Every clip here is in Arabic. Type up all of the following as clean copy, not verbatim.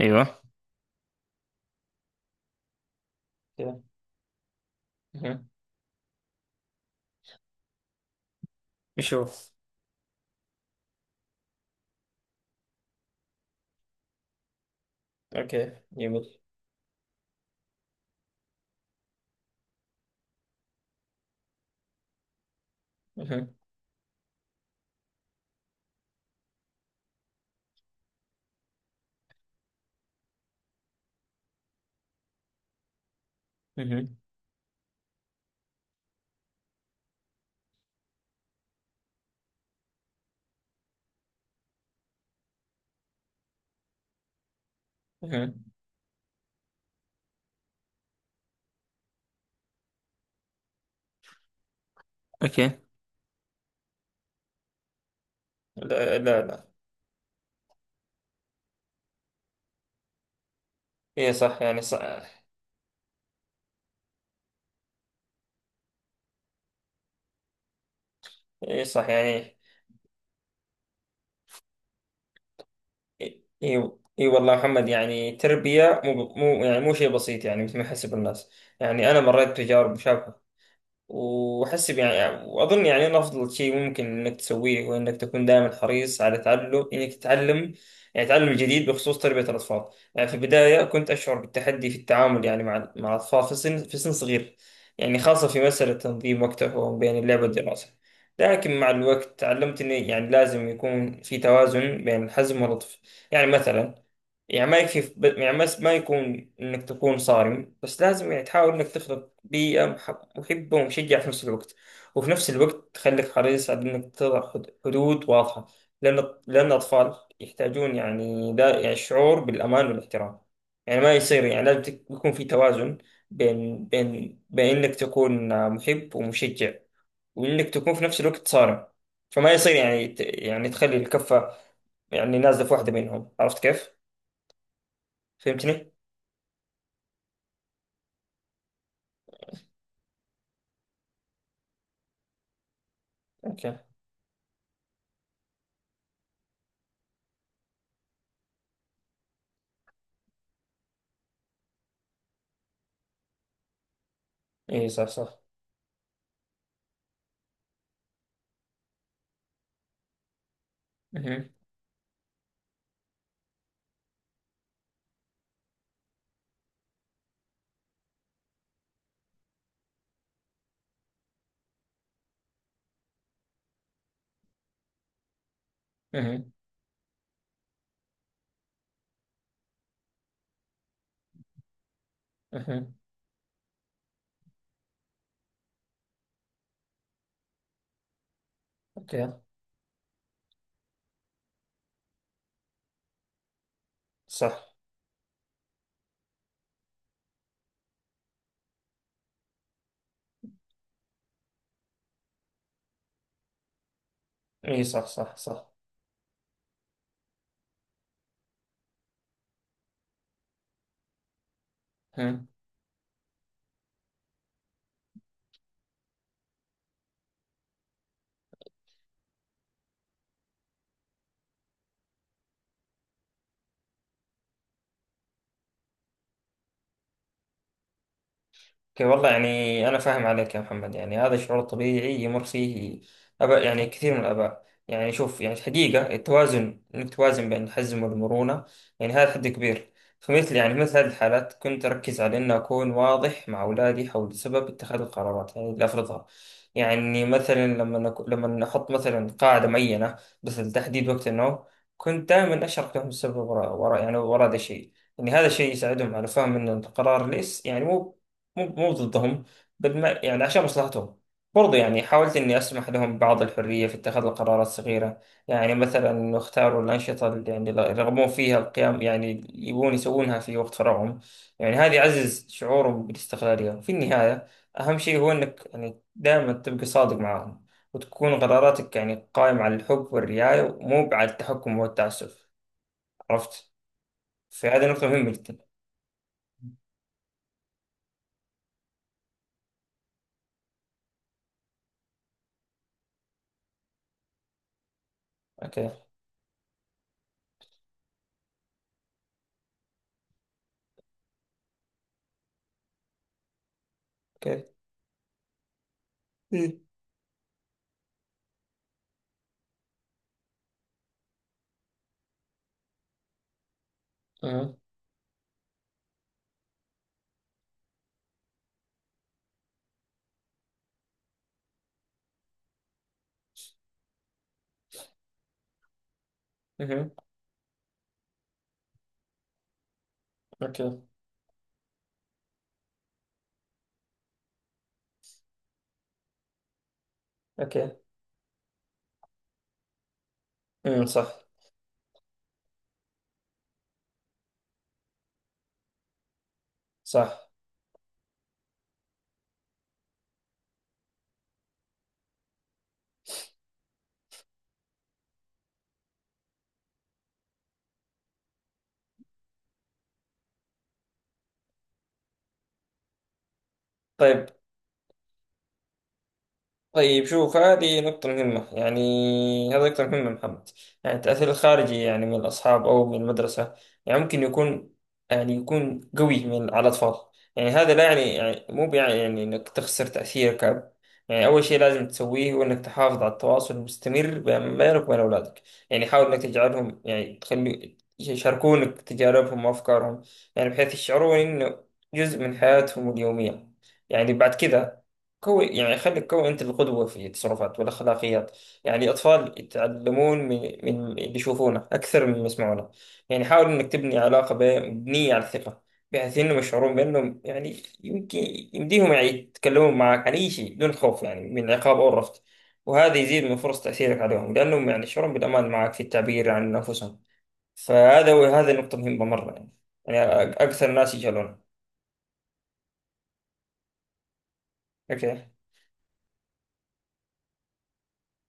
ايوه كده. مهم. نشوف. اوكي جميل. مهم. مهم. مهم. اوكي. لا لا لا. ايه صح يعني صح. ايه صح يعني. اي إي- إي والله محمد، يعني تربية مو يعني مو شيء بسيط يعني مثل ما يحسب الناس. يعني انا مريت بتجارب مشابهة، وحسب يعني وأظن يعني أنا أفضل شيء ممكن إنك تسويه هو إنك تكون دائما حريص على تعلم إنك تتعلم. يعني تعلم الجديد بخصوص تربية الأطفال. يعني في البداية كنت أشعر بالتحدي في التعامل يعني مع الأطفال في سن صغير يعني خاصة في مسألة تنظيم وقتهم بين اللعب والدراسة. لكن مع الوقت تعلمت إني يعني لازم يكون في توازن بين الحزم واللطف. يعني مثلا، يعني ما يكفي. يعني بس ما يكون إنك تكون صارم، بس لازم يعني تحاول إنك تخلق بيئة محبة ومشجعة في نفس الوقت. وفي نفس الوقت تخليك حريص على إنك تضع حدود واضحة. لأن الأطفال يحتاجون يعني دا يعني شعور بالأمان والاحترام. يعني ما يصير، يعني يكون في توازن بين إنك تكون محب ومشجع، وإنك تكون في نفس الوقت صارم. فما يصير يعني يعني تخلي الكفة يعني نازلة في واحدة منهم. عرفت كيف؟ فهمتني؟ اوكي. اي صح صح. اها. اها. اها. اوكي. صح. ايه صح صح صح. ها. اوكي والله، يعني أنا فاهم عليك يا محمد. يعني هذا شعور طبيعي يمر فيه أباء، يعني كثير من الآباء. يعني شوف، يعني الحقيقة التوازن إنك توازن بين الحزم والمرونة، يعني هذا حد كبير. فمثل يعني مثل هذه الحالات كنت أركز على إن أكون واضح مع أولادي حول سبب اتخاذ القرارات يعني اللي أفرضها. يعني مثلا لما لما أحط مثلا قاعدة معينة مثل تحديد وقت النوم. كنت دائما أشرح لهم السبب وراء هذا الشيء. يعني هذا الشيء يساعدهم على فهم ان القرار ليس يعني مو ضدهم، بل ما يعني عشان مصلحتهم. برضه يعني حاولت إني أسمح لهم بعض الحرية في اتخاذ القرارات الصغيرة. يعني مثلا اختاروا الأنشطة اللي يعني يرغبون فيها القيام، يعني يبون يسوونها في وقت فراغهم. يعني هذا يعزز شعورهم بالاستقلالية. وفي النهاية أهم شيء هو إنك يعني دائما تبقى صادق معهم، وتكون قراراتك يعني قائمة على الحب والرعاية ومو على التحكم والتعسف. عرفت؟ فهذه نقطة مهمة جدا. أوكي. أوكي. مم. مهم. اوكي. اوكي. صح. صح. طيب. طيب شوف، هذه نقطة مهمة يعني. هذه نقطة مهمة محمد. يعني التأثير الخارجي يعني من الأصحاب أو من المدرسة يعني ممكن يكون، يعني يكون قوي من على الأطفال. يعني هذا لا يعني، يعني مو يعني، يعني إنك تخسر تأثيرك كأب. يعني أول شيء لازم تسويه هو إنك تحافظ على التواصل المستمر بينك وبين أولادك. يعني حاول إنك تجعلهم، يعني تخلي يشاركونك تجاربهم وأفكارهم، يعني بحيث يشعرون إنه جزء من حياتهم اليومية. يعني بعد كذا كوي، يعني خليك كوي أنت القدوة في تصرفات والأخلاقيات. يعني الأطفال يتعلمون من اللي يشوفونه أكثر من اللي يسمعونه. يعني حاول إنك تبني علاقة مبنية على الثقة، بحيث إنهم يشعرون بأنهم يعني يمكن يمديهم يعني يتكلمون معك عن أي شيء بدون خوف، يعني من العقاب أو الرفض. وهذا يزيد من فرص تأثيرك عليهم، لأنهم يعني يشعرون بالأمان معك في التعبير عن أنفسهم. فهذا هو، هذه نقطة مهمة مرة يعني. يعني أكثر الناس يجهلونها. أوكي.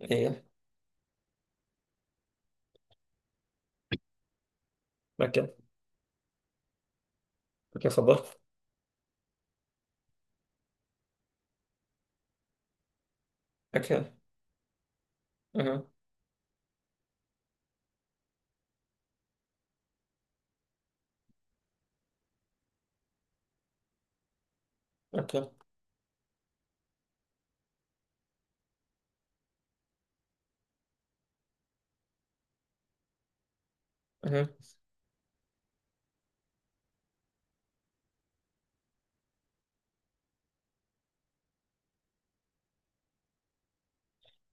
إيه. أوكي. أوكي تفضل. أوكي. اوكي. مهم.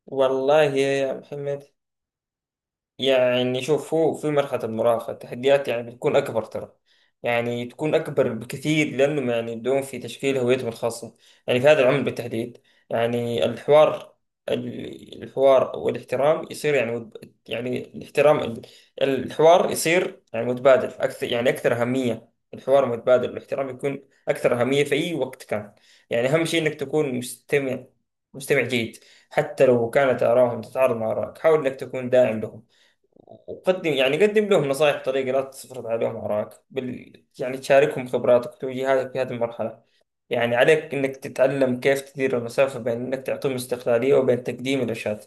والله يا محمد، يعني شوف، هو في مرحلة المراهقة التحديات يعني بتكون أكبر ترى. يعني تكون أكبر بكثير، لأنهم يعني يبدون في تشكيل هويتهم الخاصة يعني في هذا العمر بالتحديد. يعني الحوار، الحوار والاحترام يصير يعني يعني الاحترام الحوار يصير يعني متبادل أكثر، يعني أكثر أهمية، الحوار متبادل والاحترام يكون أكثر أهمية في أي وقت كان. يعني أهم شيء إنك تكون مستمع، مستمع جيد. حتى لو كانت آراهم تتعارض مع آرائك، حاول إنك تكون داعم لهم. وقدم، يعني قدم لهم نصائح بطريقة لا تفرض عليهم آرائك يعني تشاركهم خبراتك وتوجيهاتك في هذه المرحلة. يعني عليك إنك تتعلم كيف تدير المسافة بين إنك تعطيهم استقلالية وبين تقديم الإرشاد.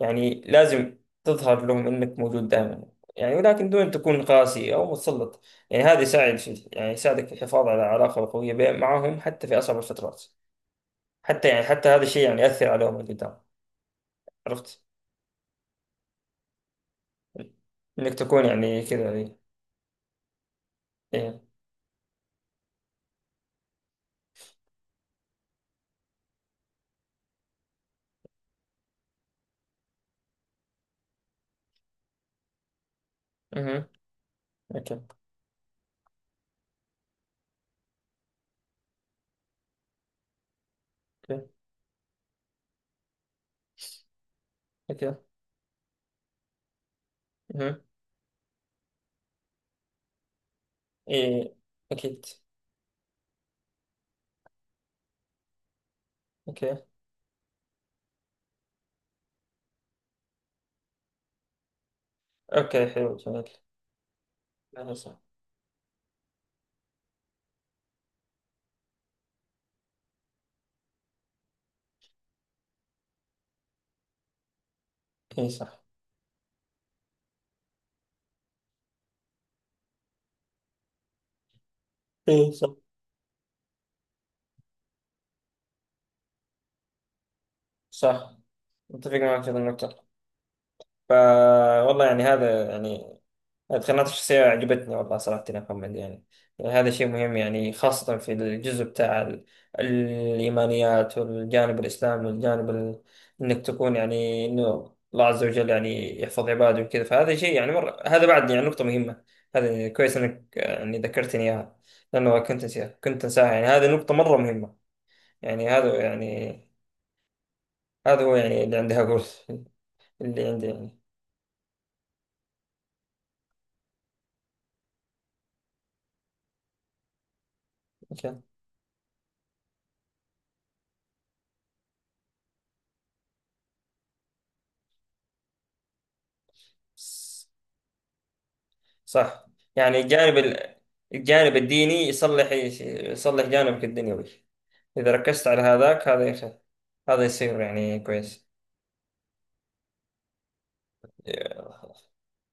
يعني لازم تظهر لهم إنك موجود دائما، يعني ولكن دون تكون قاسي أو متسلط. يعني هذا يساعد في، يعني يساعدك في الحفاظ على علاقة قوية معهم حتى في أصعب الفترات. حتى يعني حتى هذا الشيء يعني يأثر عليهم قدام. عرفت، إنك تكون يعني كذا. إيه. إيه. مهم. أوكي. اوكي. مهم. ايه. اكيد. اوكي. اوكي حلو جميل. لا صح. اي صح. اي صح صح. متفق معك في هذه النقطة. ف والله يعني هذا يعني التقنيات الشخصية عجبتني والله صراحة يا محمد. يعني يعني هذا شيء مهم، يعني خاصة في الجزء بتاع الإيمانيات والجانب الإسلامي والجانب إنك تكون يعني إنه الله عز وجل يعني يحفظ عباده وكذا. فهذا شيء يعني مرة، هذا بعد يعني نقطة مهمة. هذا كويس إنك يعني ذكرتني إياها، لأنه كنت أنساها كنت أنساها. يعني هذه نقطة مرة مهمة. يعني هذا يعني، هذا هو يعني اللي عندي أقول. اللي عندي يعني. أوكي. صح. يعني الجانب الجانب الديني يصلح جانبك الدنيوي، إذا ركزت على هذاك. هذا هذا يصير يعني كويس.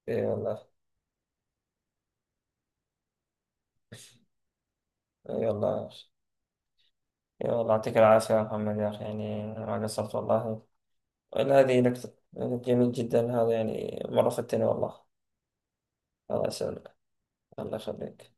اي والله. اي والله. اي والله، يعطيك العافية يا محمد يا أخي، يعني ما قصرت والله. هذه نكتة جميل جدا، هذا يعني مرة فتني والله. الله يسلمك. الله يخليك.